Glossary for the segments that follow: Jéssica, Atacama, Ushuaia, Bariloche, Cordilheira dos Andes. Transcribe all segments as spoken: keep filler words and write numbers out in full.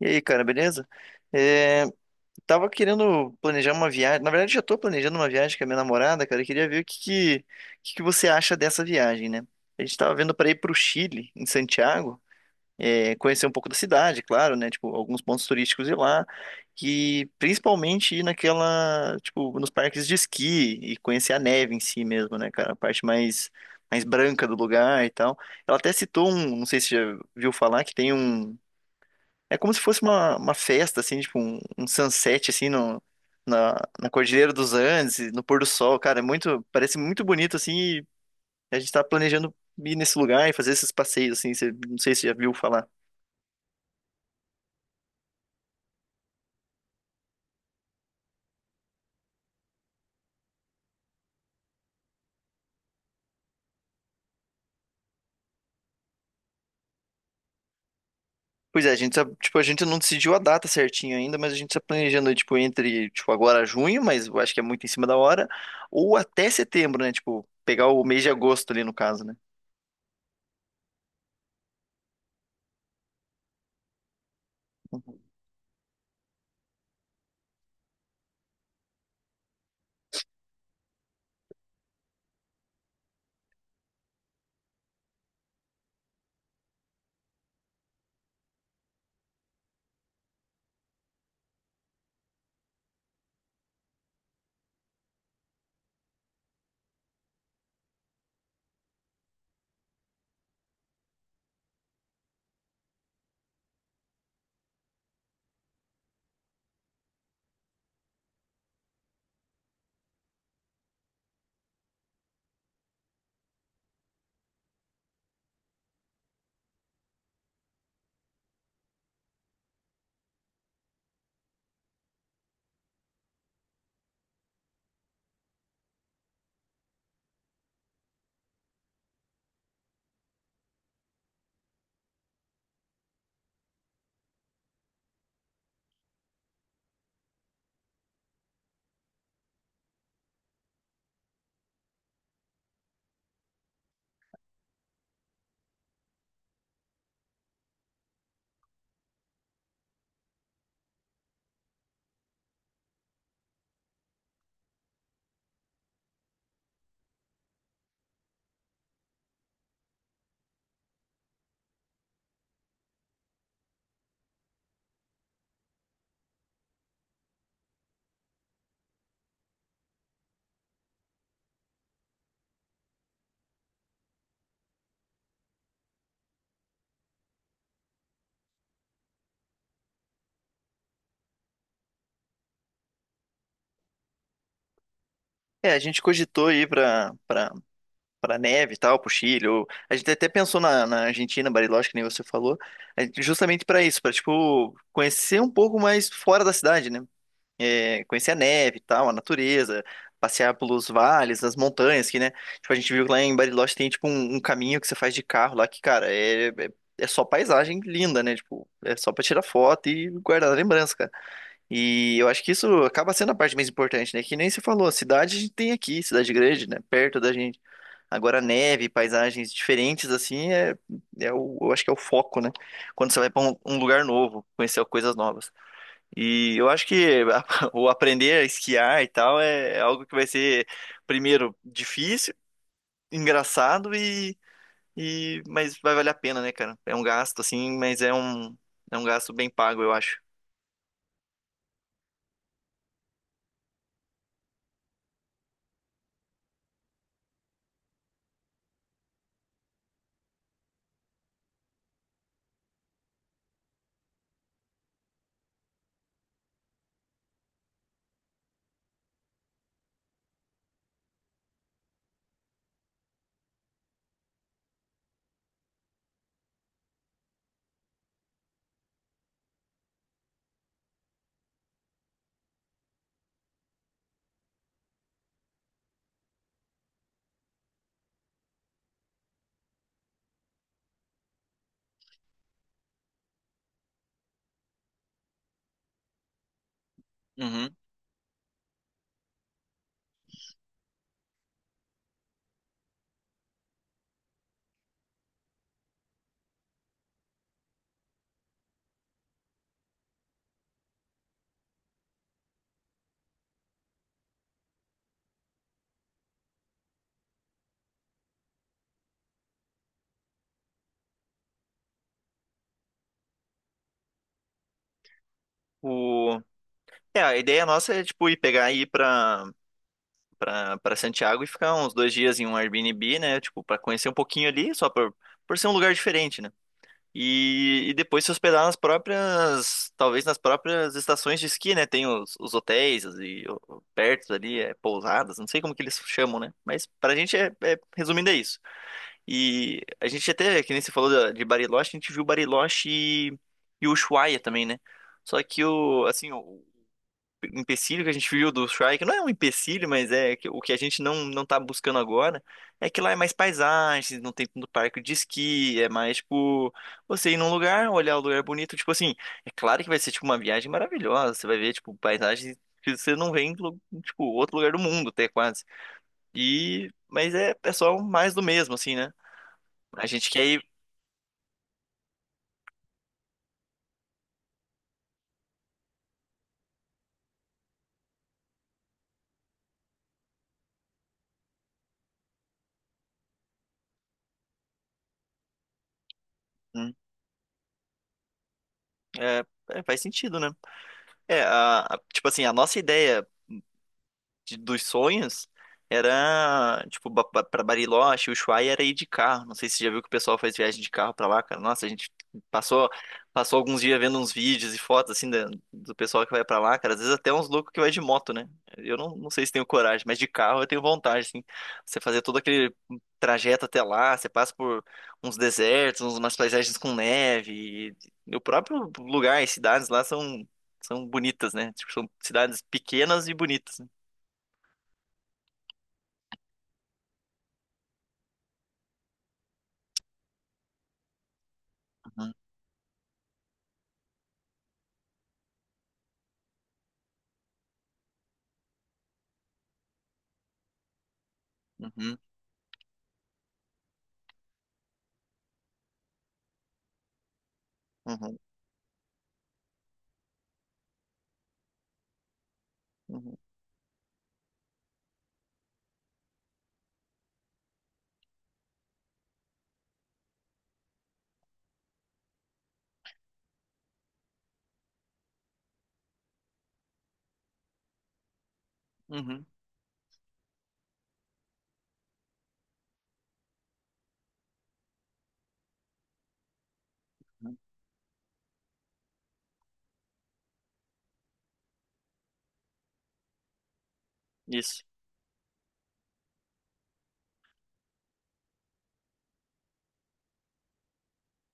E aí, cara, beleza? É, Tava querendo planejar uma viagem. Na verdade, já tô planejando uma viagem com a minha namorada, cara. Eu queria ver o que, que, o que que você acha dessa viagem, né? A gente tava vendo pra ir pro Chile, em Santiago, é, conhecer um pouco da cidade, claro, né? Tipo, alguns pontos turísticos ir lá. E principalmente ir naquela, tipo, nos parques de esqui e conhecer a neve em si mesmo, né, cara? A parte mais, mais branca do lugar e tal. Ela até citou um, não sei se você já viu falar, que tem um. É como se fosse uma, uma festa, assim, tipo um, um sunset, assim, no, na, na Cordilheira dos Andes, e no pôr do sol, cara, é muito, parece muito bonito, assim, e a gente tá planejando ir nesse lugar e fazer esses passeios, assim, você, não sei se você já viu falar. Pois é, a gente tá, tipo, a gente não decidiu a data certinho ainda, mas a gente tá planejando, tipo, entre, tipo, agora junho, mas eu acho que é muito em cima da hora, ou até setembro, né, tipo, pegar o mês de agosto ali, no caso, né. É, a gente cogitou ir para pra para neve e tal, pro Chile. Ou... A gente até pensou na, na Argentina, Bariloche, que nem você falou, a gente- justamente para isso, para tipo conhecer um pouco mais fora da cidade, né? É, conhecer a neve e tal, a natureza, passear pelos vales, as montanhas, que né? Tipo a gente viu que lá em Bariloche tem tipo um, um caminho que você faz de carro lá que cara é é- é só paisagem linda, né? Tipo, é só para tirar foto e guardar a lembrança, cara. E eu acho que isso acaba sendo a parte mais importante, né? Que nem você falou, a cidade a gente tem aqui, cidade grande, né? Perto da gente. Agora, neve, paisagens diferentes, assim, é, é o, eu acho que é o foco, né? Quando você vai para um, um lugar novo, conhecer coisas novas. E eu acho que a- o aprender a esquiar e tal é, é algo que vai ser, primeiro, difícil, engraçado e, e. Mas vai valer a pena, né, cara? É um gasto, assim, mas é um, é um gasto bem pago, eu acho. Uhum. O... É, a ideia nossa é, tipo, ir pegar e ir pra. pra, pra Santiago e ficar uns dois dias em um Airbnb, né? Tipo, pra conhecer um pouquinho ali, só por, por ser um lugar diferente, né? E, e depois se hospedar nas próprias, talvez nas próprias estações de esqui, né? Tem os, os hotéis e o- perto ali, é, pousadas, não sei como que eles chamam, né? Mas pra gente, é, é- resumindo, é isso. E a gente até, que nem você falou da- de Bariloche, a gente viu Bariloche e, e Ushuaia também, né? Só que o, assim, o empecilho que a gente viu do Shrike, não é um empecilho, mas é que- o que a gente não não tá buscando agora, é que lá é mais paisagens, não tem tanto parque de esqui, é mais tipo você ir num lugar, olhar o lugar bonito, tipo assim, é claro que vai ser tipo uma viagem maravilhosa, você vai ver tipo paisagens que você não vê em lu- tipo outro lugar do mundo, até quase. E mas é, é só mais do mesmo assim, né? A gente quer ir. Hum, é, é, faz sentido, né? É, a, a- tipo assim, a nossa ideia de- dos sonhos era, tipo, ba- ba- pra Bariloche, Ushuaia era ir de carro. Não sei se você já viu que o pessoal faz viagem de carro pra lá, cara. Nossa, a gente passou, passou alguns dias vendo uns vídeos e fotos, assim, da- do pessoal que vai pra lá, cara. Às vezes até uns loucos que vai de moto, né? Eu não, não sei se tenho coragem, mas de carro eu tenho vontade, assim. Você fazer todo aquele trajeto até lá, você passa por uns desertos, umas paisagens com neve. E o próprio lugar, as cidades lá são, são bonitas, né? Tipo, são cidades pequenas e bonitas, né? Uhum, uhum, uhum, uhum, uhum. Isso.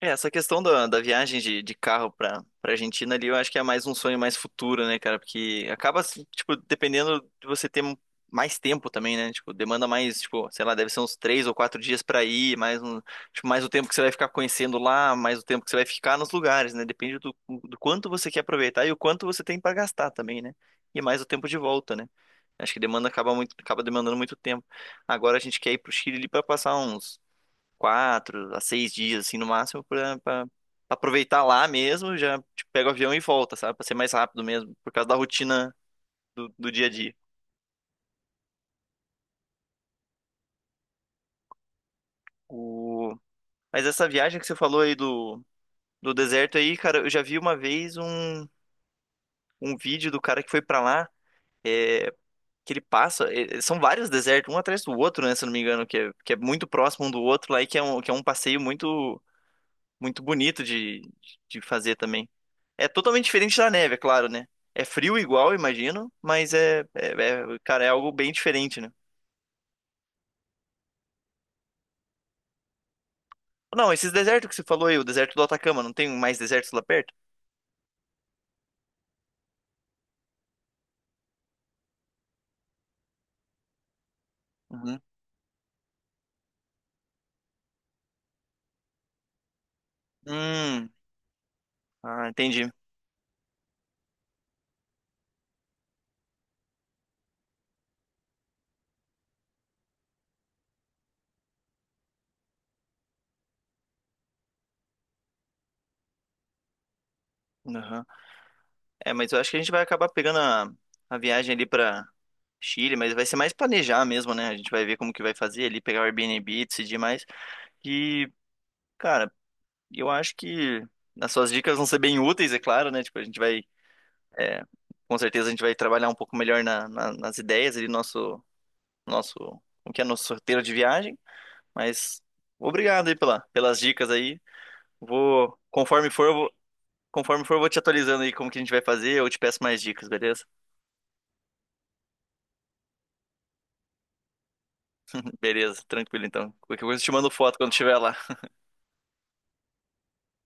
É, essa questão da, da viagem de, de carro pra, pra Argentina ali, eu acho que é mais um sonho mais futuro, né, cara? Porque acaba, assim, tipo, dependendo de você ter mais tempo também, né? Tipo, demanda mais, tipo, sei lá, deve ser uns três ou quatro dias pra ir, mais um, tipo, mais o tempo que você vai ficar conhecendo lá, mais o tempo que você vai ficar nos lugares, né? Depende do, do quanto você quer aproveitar e o quanto você tem pra gastar também, né? E mais o tempo de volta, né? Acho que demanda acaba muito, acaba demandando muito tempo. Agora a gente quer ir pro Chile ali para passar uns quatro a seis dias, assim, no máximo, pra, pra pra aproveitar lá mesmo, já tipo, pega o avião e volta, sabe? Pra ser mais rápido mesmo, por causa da rotina do, do dia a dia. O... Mas essa viagem que você falou aí do, do deserto aí, cara, eu já vi uma vez um, um vídeo do cara que foi pra lá, é, que ele passa, é, é, são vários desertos, um atrás do outro, né, se eu não me engano, que é, que é muito próximo um do outro lá e que é um, que é um passeio muito, muito bonito de, de fazer também. É totalmente diferente da neve, é claro, né? É frio igual, imagino, mas é, é- é- cara, é algo bem diferente, né? Não, esses desertos que você falou aí, o deserto do Atacama, não tem mais desertos lá perto? Uhum. Hum, ah, entendi. Uhum. É, mas eu acho que a gente vai acabar pegando a, a viagem ali pra Chile, mas vai ser mais planejar mesmo, né? A gente vai ver como que vai fazer ali, pegar o Airbnb, decidir mais. E, cara, eu acho que as suas dicas vão ser bem úteis, é claro, né? Tipo, a gente vai. É, com certeza a gente vai trabalhar um pouco melhor na- na- nas ideias ali, nosso, nosso, o que é nosso roteiro de viagem, mas obrigado aí pela, pelas dicas aí. Vou, conforme for, eu vou, conforme for, eu vou te atualizando aí como que a gente vai fazer, eu te peço mais dicas, beleza? Beleza, tranquilo então. Qualquer coisa eu te mando foto quando estiver lá.